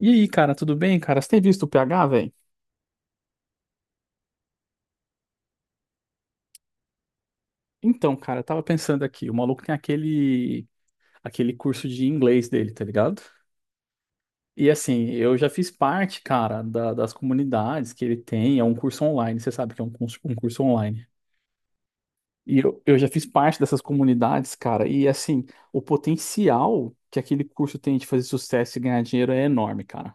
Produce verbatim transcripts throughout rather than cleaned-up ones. E aí, cara, tudo bem, cara? Você tem visto o P H, velho? Então, cara, eu tava pensando aqui, o maluco tem aquele aquele curso de inglês dele, tá ligado? E assim, eu já fiz parte, cara, da- das comunidades que ele tem, é um curso online, você sabe que é um curso, um curso online. E eu, eu já fiz parte dessas comunidades, cara, e assim, o potencial que aquele curso tem de fazer sucesso e ganhar dinheiro é enorme, cara.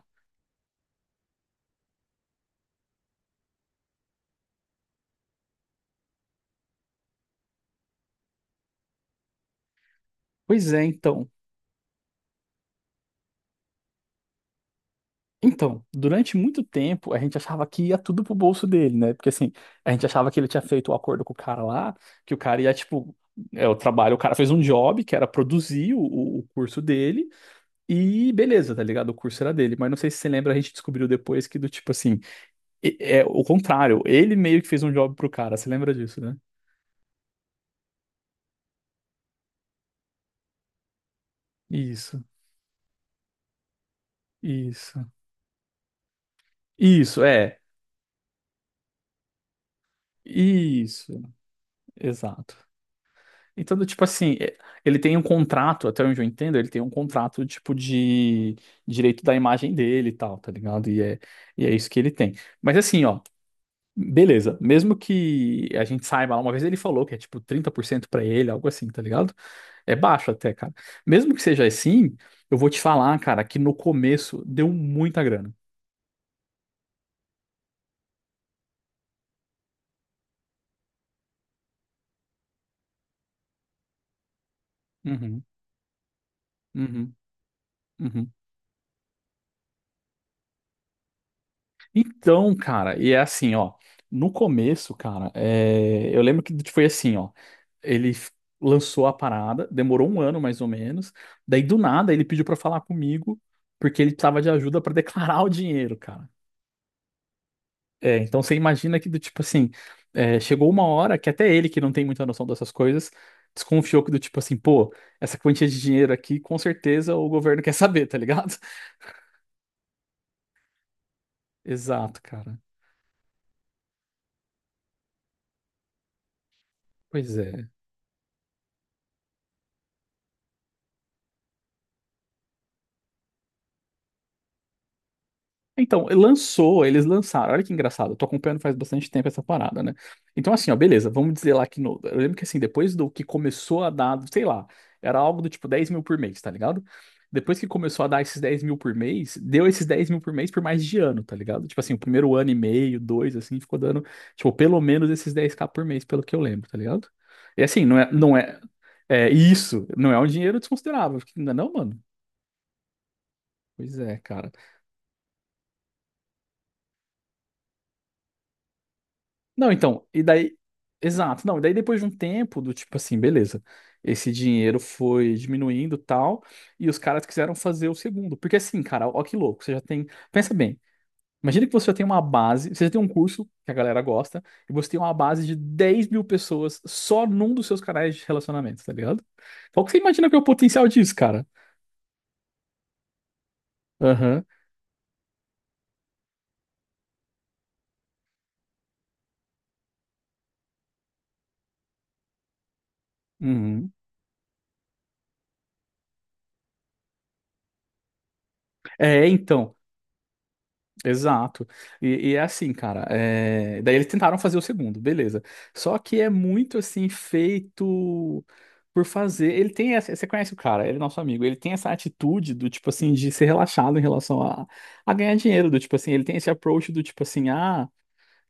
Pois é, então. Então, durante muito tempo, a gente achava que ia tudo pro bolso dele, né? Porque assim, a gente achava que ele tinha feito o acordo com o cara lá, que o cara ia, tipo, é o trabalho, o cara fez um job, que era produzir o, o curso dele, e beleza, tá ligado? O curso era dele. Mas não sei se você lembra, a gente descobriu depois que do tipo assim, e- é o contrário, ele meio que fez um job pro cara, você lembra disso, né? Isso, isso, isso, é, isso, exato. Então, do tipo assim, é- ele tem um contrato, até onde eu entendo, ele tem um contrato, tipo, de direito da imagem dele e tal, tá ligado? E é, e é isso que ele tem. Mas assim, ó, beleza, mesmo que a gente saiba lá, uma vez ele falou que é tipo trinta por cento pra ele, algo assim, tá ligado? É baixo até, cara. Mesmo que seja assim, eu vou te falar, cara, que no começo deu muita grana. Uhum, uhum, uhum. Então, cara, e é assim, ó. No começo, cara, é, eu lembro que foi assim, ó. Ele f- lançou a parada, demorou um ano mais ou menos. Daí do nada ele pediu pra falar comigo porque ele precisava de ajuda pra declarar o dinheiro, cara. É, então você imagina que do tipo assim, é, chegou uma hora que até ele que não tem muita noção dessas coisas desconfiou que do tipo assim, pô, essa quantia de dinheiro aqui com certeza o governo quer saber, tá ligado? Exato, cara. Pois é. Então, lançou, eles lançaram. Olha que engraçado, eu tô acompanhando faz bastante tempo essa parada, né? Então, assim, ó, beleza, vamos dizer lá que no. Eu lembro que assim, depois do que começou a dar, sei lá, era algo do tipo dez mil por mês, tá ligado? Depois que começou a dar esses dez mil por mês, deu esses dez mil por mês por mais de ano, tá ligado? Tipo assim, o primeiro ano e meio, dois, assim, ficou dando, tipo, pelo menos esses dez k por mês, pelo que eu lembro, tá ligado? E assim, não é, não é, é isso, não é um dinheiro desconsiderável, não é não, mano? Pois é, cara. Não, então, e daí. Exato, não, e daí depois de um tempo do tipo assim, beleza, esse dinheiro foi diminuindo e tal, e os caras quiseram fazer o segundo. Porque assim, cara, ó que louco, você já tem. Pensa bem, imagina que você já tem uma base, você já tem um curso que a galera gosta, e você tem uma base de dez mil pessoas só num dos seus canais de relacionamento, tá ligado? Qual que você imagina que é o potencial disso, cara? Aham. Uhum. É, então. Exato. E, e é assim, cara. é, Daí eles tentaram fazer o segundo, beleza. Só que é muito assim, feito por fazer. Ele tem essa. Você conhece o cara, ele é nosso amigo. Ele tem essa atitude do tipo assim, de ser relaxado em relação a, a ganhar dinheiro. Do tipo assim, ele tem esse approach do tipo assim, ah,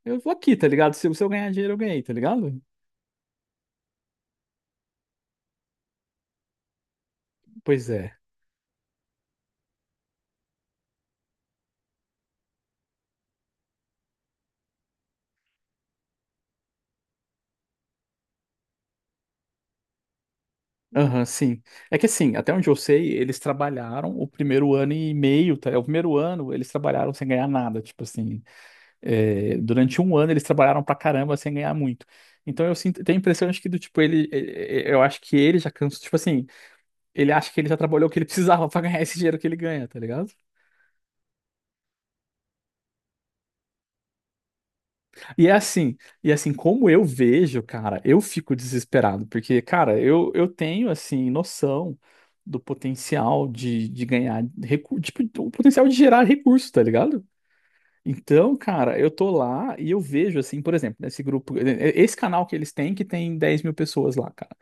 eu vou aqui, tá ligado? Se, se eu ganhar dinheiro, eu ganhei, tá ligado? Pois é. Aham, sim. É que assim, até onde eu sei, eles trabalharam o primeiro ano e meio, tá? é O primeiro ano eles trabalharam sem ganhar nada, tipo assim. É, durante um ano eles trabalharam pra caramba sem ganhar muito. Então eu sinto, tenho a impressão de que do tipo ele, é- é- eu acho que ele já cansou, tipo assim, ele acha que ele já trabalhou o que ele precisava pra ganhar esse dinheiro que ele ganha, tá ligado? E é assim, e é assim como eu vejo, cara, eu fico desesperado porque, cara, eu, eu tenho assim noção do potencial de, de ganhar recurso, tipo, o potencial de gerar recurso, tá ligado? Então, cara, eu tô lá e eu vejo, assim, por exemplo, nesse grupo, eh, esse canal que eles têm, que tem dez mil pessoas lá, cara.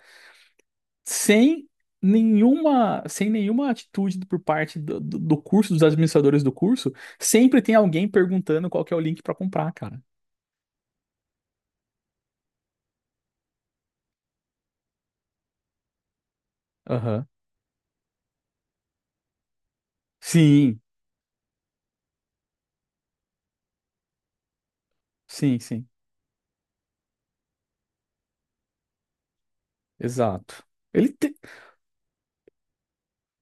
sem nenhuma, sem nenhuma atitude por parte do, do, do curso, dos administradores do curso, sempre tem alguém perguntando qual que é o link para comprar, cara. Aham. Sim, sim, sim. Exato. Ele tem.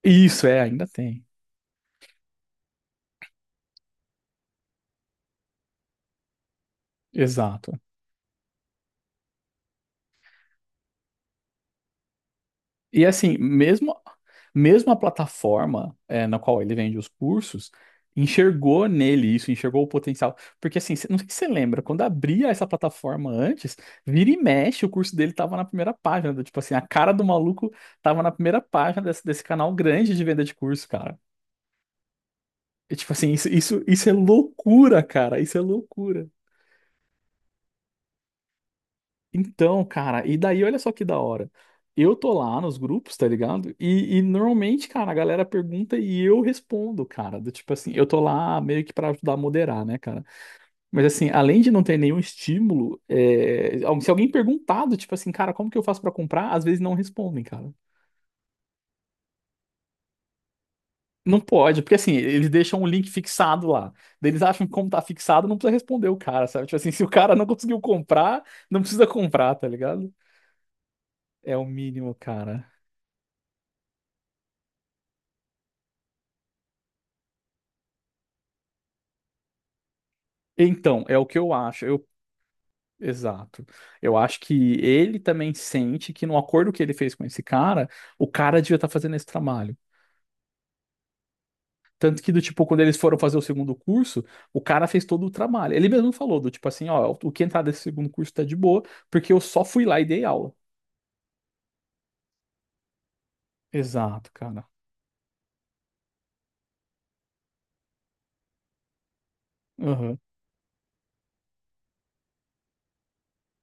Isso, é, ainda tem. Exato. E assim, mesmo, mesmo a plataforma eh, na qual ele vende os cursos enxergou nele isso, enxergou o potencial. Porque assim, cê- não sei se você lembra, quando abria essa plataforma antes, vira e mexe, o curso dele tava na primeira página. do- Tipo assim, a cara do maluco tava na primeira página desse, desse canal grande de venda de curso, cara. E, tipo assim, isso, isso, isso é loucura, cara. Isso é loucura. Então, cara, e daí olha só que da hora. Eu tô lá nos grupos, tá ligado? E, e normalmente, cara, a galera pergunta e eu respondo, cara. Do tipo assim, eu tô lá meio que pra ajudar a moderar, né, cara? Mas assim, além de não ter nenhum estímulo, é, al- se alguém perguntado, tipo assim, cara, como que eu faço pra comprar? Às vezes não respondem, cara. Não pode, porque assim, eles deixam um link fixado lá. Daí eles acham que como tá fixado, não precisa responder o cara, sabe? Tipo assim, se o cara não conseguiu comprar, não precisa comprar, tá ligado? É o mínimo, cara. Então, é o que eu acho. Eu, exato. Eu acho que ele também sente que no acordo que ele fez com esse cara, o cara devia estar fazendo esse trabalho. Tanto que, do tipo, quando eles foram fazer o segundo curso, o cara fez todo o trabalho. Ele mesmo falou, do tipo assim, ó, o que entrar desse segundo curso tá de boa, porque eu só fui lá e dei aula. Exato, cara. Aham.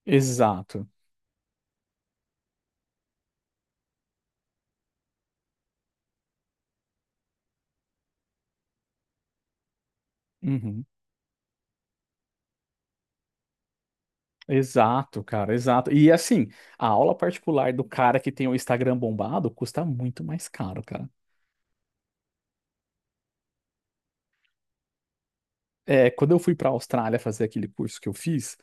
Exato. Uhum. Exato, cara, exato. E assim, a aula particular do cara que tem o Instagram bombado custa muito mais caro, cara. É, quando eu fui para a Austrália fazer aquele curso que eu fiz,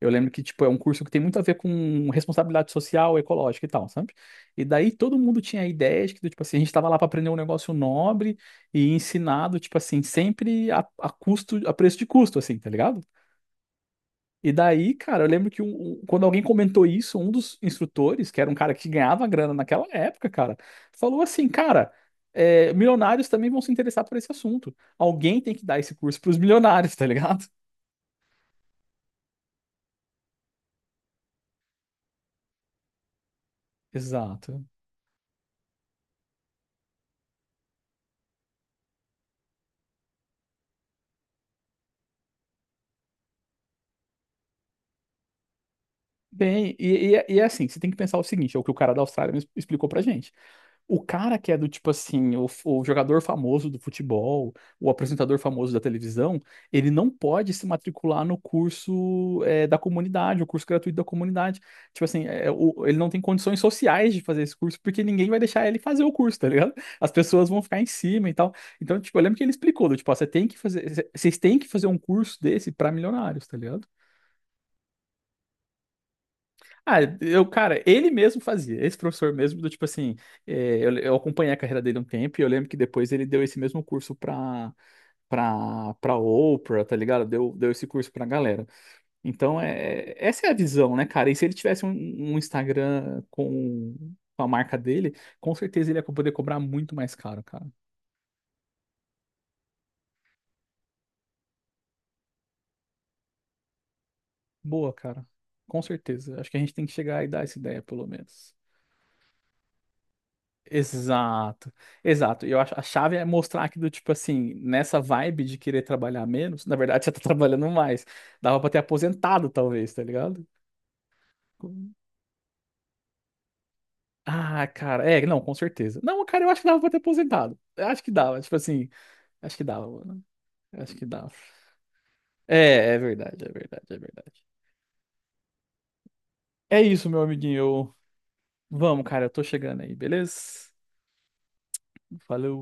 eu lembro que, tipo, é um curso que tem muito a ver com responsabilidade social, ecológica e tal, sabe? E daí todo mundo tinha a ideia de que, tipo assim, a gente estava lá para aprender um negócio nobre e ensinado, tipo assim, sempre a, a custo, a preço de custo, assim, tá ligado? E daí, cara, eu lembro que um- um- quando alguém comentou isso, um dos instrutores, que era um cara que ganhava grana naquela época, cara, falou assim, cara, é, milionários também vão se interessar por esse assunto. Alguém tem que dar esse curso para os milionários, tá ligado? Exato. Bem, e, e, é e é assim, você tem que pensar o seguinte, é o que o cara da Austrália me explicou pra gente. O cara que é do tipo assim, o, f- o jogador famoso do futebol, o apresentador famoso da televisão, ele não pode se matricular no curso é, da comunidade, o curso gratuito da comunidade. Tipo assim, é, é, o- ele não tem condições sociais de fazer esse curso, porque ninguém vai deixar ele fazer o curso, tá ligado? As pessoas vão ficar em cima e tal. Então, tipo, eu lembro que ele explicou, do, tipo, ó, você tem que fazer, vocês têm que fazer um curso desse pra milionários, tá ligado? Ah, eu, cara, ele mesmo fazia, esse professor mesmo, do tipo assim, é, eu, eu acompanhei a carreira dele um tempo e eu lembro que depois ele deu esse mesmo curso pra, pra, pra Oprah, tá ligado? Deu, deu esse curso pra galera. Então, é, essa é a visão, né, cara? E se ele tivesse um, um Instagram com, com a marca dele, com certeza ele ia poder cobrar muito mais caro, cara. Boa, cara. Com certeza. Acho que a gente tem que chegar e dar essa ideia, pelo menos. Exato, exato. E eu acho a chave é mostrar que do tipo assim, nessa vibe de querer trabalhar menos, na verdade você tá trabalhando mais. Dava pra ter aposentado, talvez, tá ligado? Com- Ah, cara, é, não, com certeza. Não, cara, eu acho que dava pra ter aposentado. Eu acho que dava, tipo assim, acho que dava, mano. Eu acho que dava. É, é verdade, é verdade, é verdade. É isso, meu amiguinho. Eu- Vamos, cara, eu tô chegando aí, beleza? Valeu.